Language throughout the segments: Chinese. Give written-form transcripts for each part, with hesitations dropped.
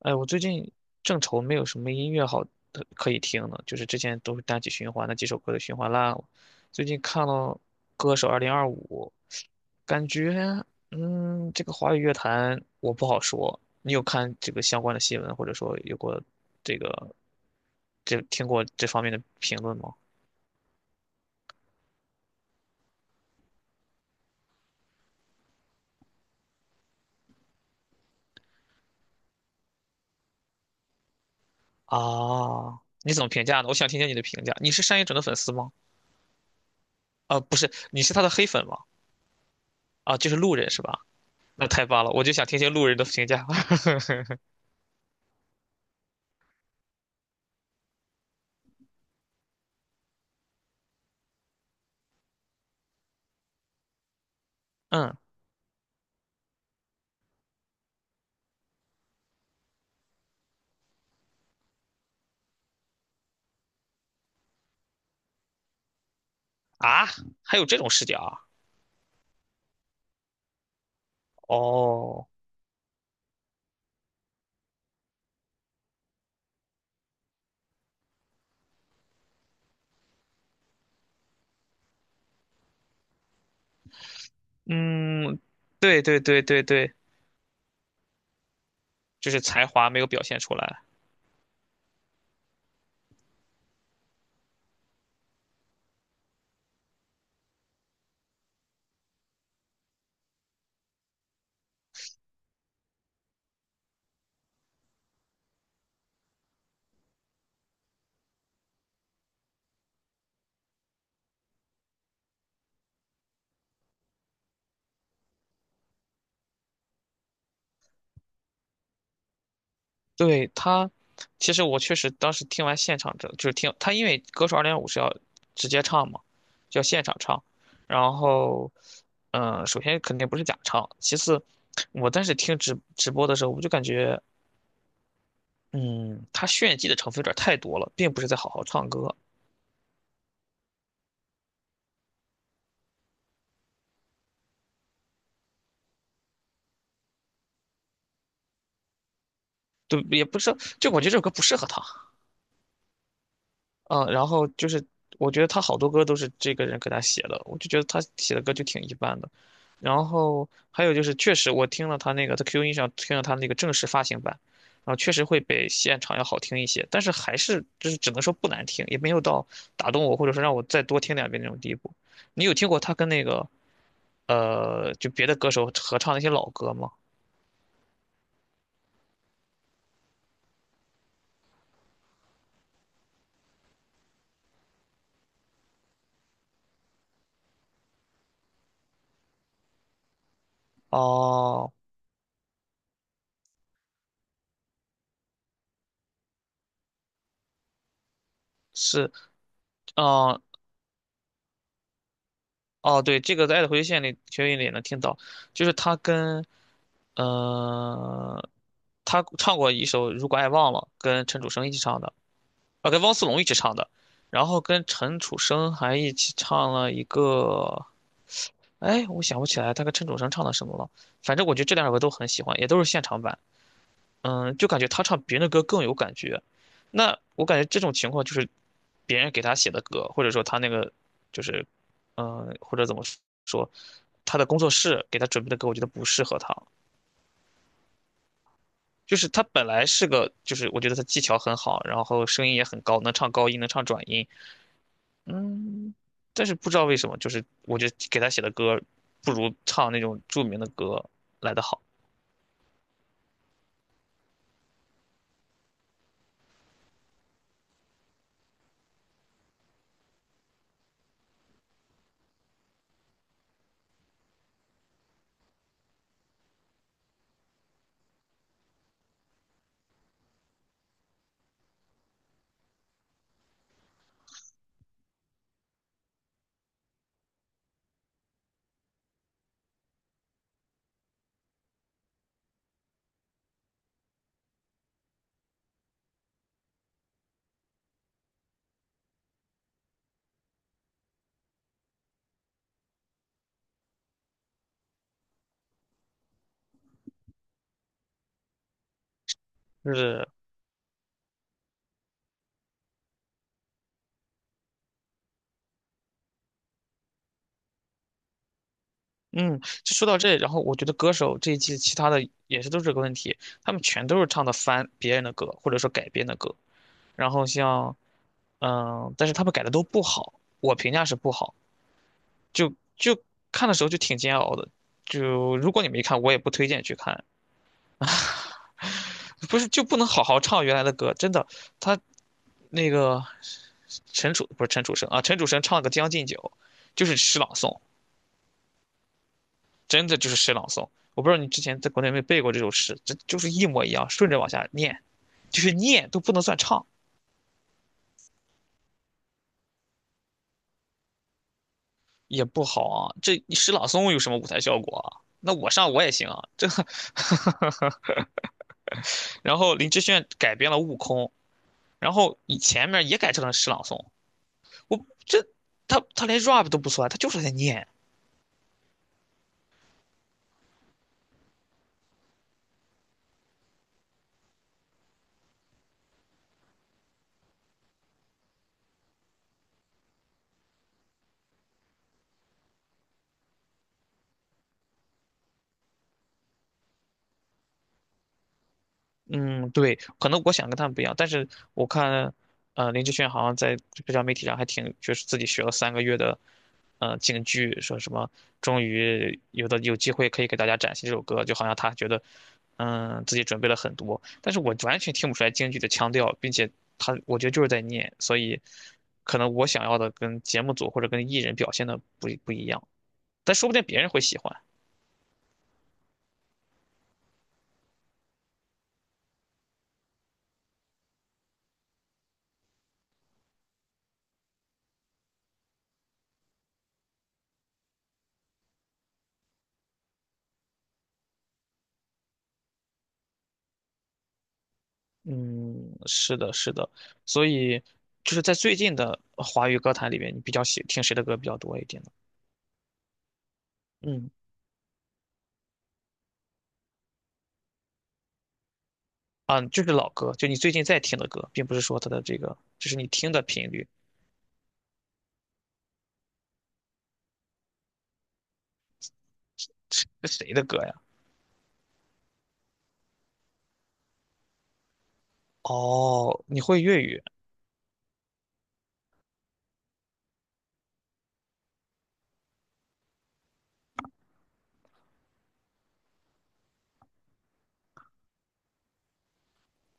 哎，我最近正愁没有什么音乐好的可以听呢，就是之前都是单曲循环，那几首歌的循环烂了。最近看了《歌手2025》，感觉，这个华语乐坛我不好说。你有看这个相关的新闻，或者说有过这个这听过这方面的评论吗？啊，你怎么评价呢？我想听听你的评价。你是单依纯的粉丝吗？啊，不是，你是他的黑粉吗？啊，就是路人是吧？那太棒了，我就想听听路人的评价。嗯。啊，还有这种视角啊？哦，嗯，对对对对对，就是才华没有表现出来。对他，其实我确实当时听完现场就是听他，因为歌手2.5是要直接唱嘛，就要现场唱。然后，首先肯定不是假唱，其次，我当时听直播的时候，我就感觉，嗯，他炫技的成分有点太多了，并不是在好好唱歌。对，也不是，就我觉得这首歌不适合他。嗯，然后就是我觉得他好多歌都是这个人给他写的，我就觉得他写的歌就挺一般的。然后还有就是，确实我听了他那个在 q 音上听了他那个正式发行版，然后确实会比现场要好听一些，但是还是就是只能说不难听，也没有到打动我或者说让我再多听两遍那种地步。你有听过他跟那个呃就别的歌手合唱那些老歌吗？哦，是，嗯、哦，对，这个在《爱的回归线》里，学音里也能听到，就是呃，他唱过一首《如果爱忘了》，跟陈楚生一起唱的，啊，跟汪苏泷一起唱的，然后跟陈楚生还一起唱了一个，哎，我想不起来他跟陈楚生唱的什么了，反正我觉得这两首歌都很喜欢，也都是现场版，就感觉他唱别人的歌更有感觉。那我感觉这种情况就是别人给他写的歌，或者说他那个就是，或者怎么说，他的工作室给他准备的歌，我觉得不适合他，就是他本来是个，就是我觉得他技巧很好，然后声音也很高，能唱高音，能唱转音，嗯，但是不知道为什么，就是我觉得给他写的歌不如唱那种著名的歌来的好，就是嗯，就说到这，然后我觉得歌手这一季其他的也是都是这个问题，他们全都是唱的翻别人的歌，或者说改编的歌，然后但是他们改的都不好，我评价是不好，就看的时候就挺煎熬的。就如果你没看，我也不推荐去看。不是就不能好好唱原来的歌？真的，他那个陈楚不是陈楚生啊，陈楚生唱了个《将进酒》，就是诗朗诵，真的就是诗朗诵。我不知道你之前在国内有没有背过这首诗，这就是一模一样，顺着往下念，就是念都不能算唱，也不好啊。这诗朗诵有什么舞台效果啊？那我上我也行啊，这。然后林志炫改编了《悟空》，然后以前面也改成了诗朗诵，我这他他连 rap 都不算，他就是在念。嗯，对，可能我想跟他们不一样，但是我看，呃，林志炫好像在社交媒体上还挺，就是自己学了3个月的，呃，京剧，说什么终于有机会可以给大家展现这首歌，就好像他觉得，自己准备了很多，但是我完全听不出来京剧的腔调，并且他我觉得就是在念，所以可能我想要的跟节目组或者跟艺人表现的不一样，但说不定别人会喜欢。嗯，是的，是的，所以就是在最近的华语歌坛里面，你比较喜听谁的歌比较多一点呢？嗯，啊，就是老歌，就你最近在听的歌，并不是说它的这个，就是你听的频率，是谁的歌呀？哦，你会粤语，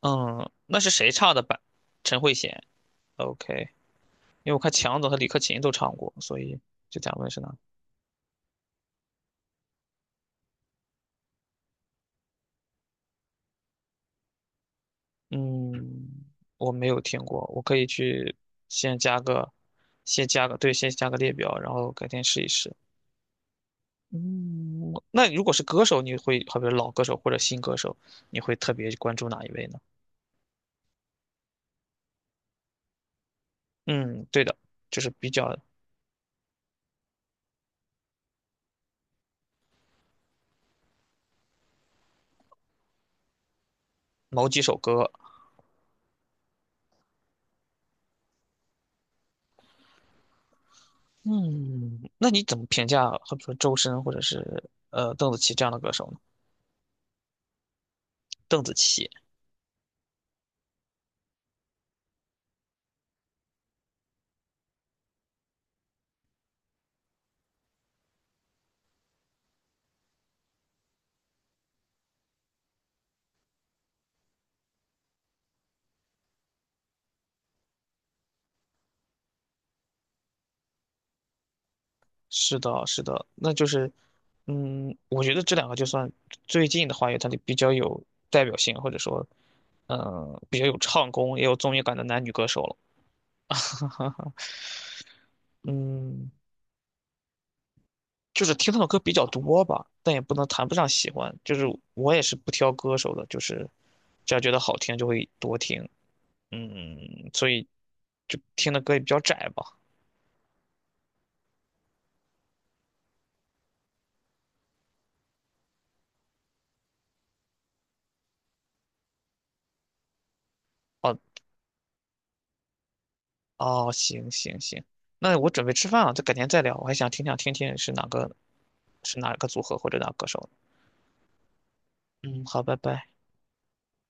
嗯，那是谁唱的版？陈慧娴，OK，因为我看强总和李克勤都唱过，所以就想问是哪？嗯，我没有听过，我可以去先加个，先加个，对，先加个列表，然后改天试一试。嗯，那如果是歌手，你会，好比如老歌手或者新歌手，你会特别关注哪一位呢？嗯，对的，就是比较某几首歌。嗯，那你怎么评价，好比说周深或者是呃邓紫棋这样的歌手呢？邓紫棋，是的，是的，那就是，我觉得这两个就算最近的话，有它的比较有代表性，或者说，比较有唱功也有综艺感的男女歌手了。嗯。就是听他的歌比较多吧，但也不能谈不上喜欢。就是我也是不挑歌手的，就是只要觉得好听就会多听。所以就听的歌也比较窄吧。哦哦，行行行，那我准备吃饭了，就改天再聊。我还想听想听听是哪个组合或者哪个歌手呢？嗯，好，拜拜。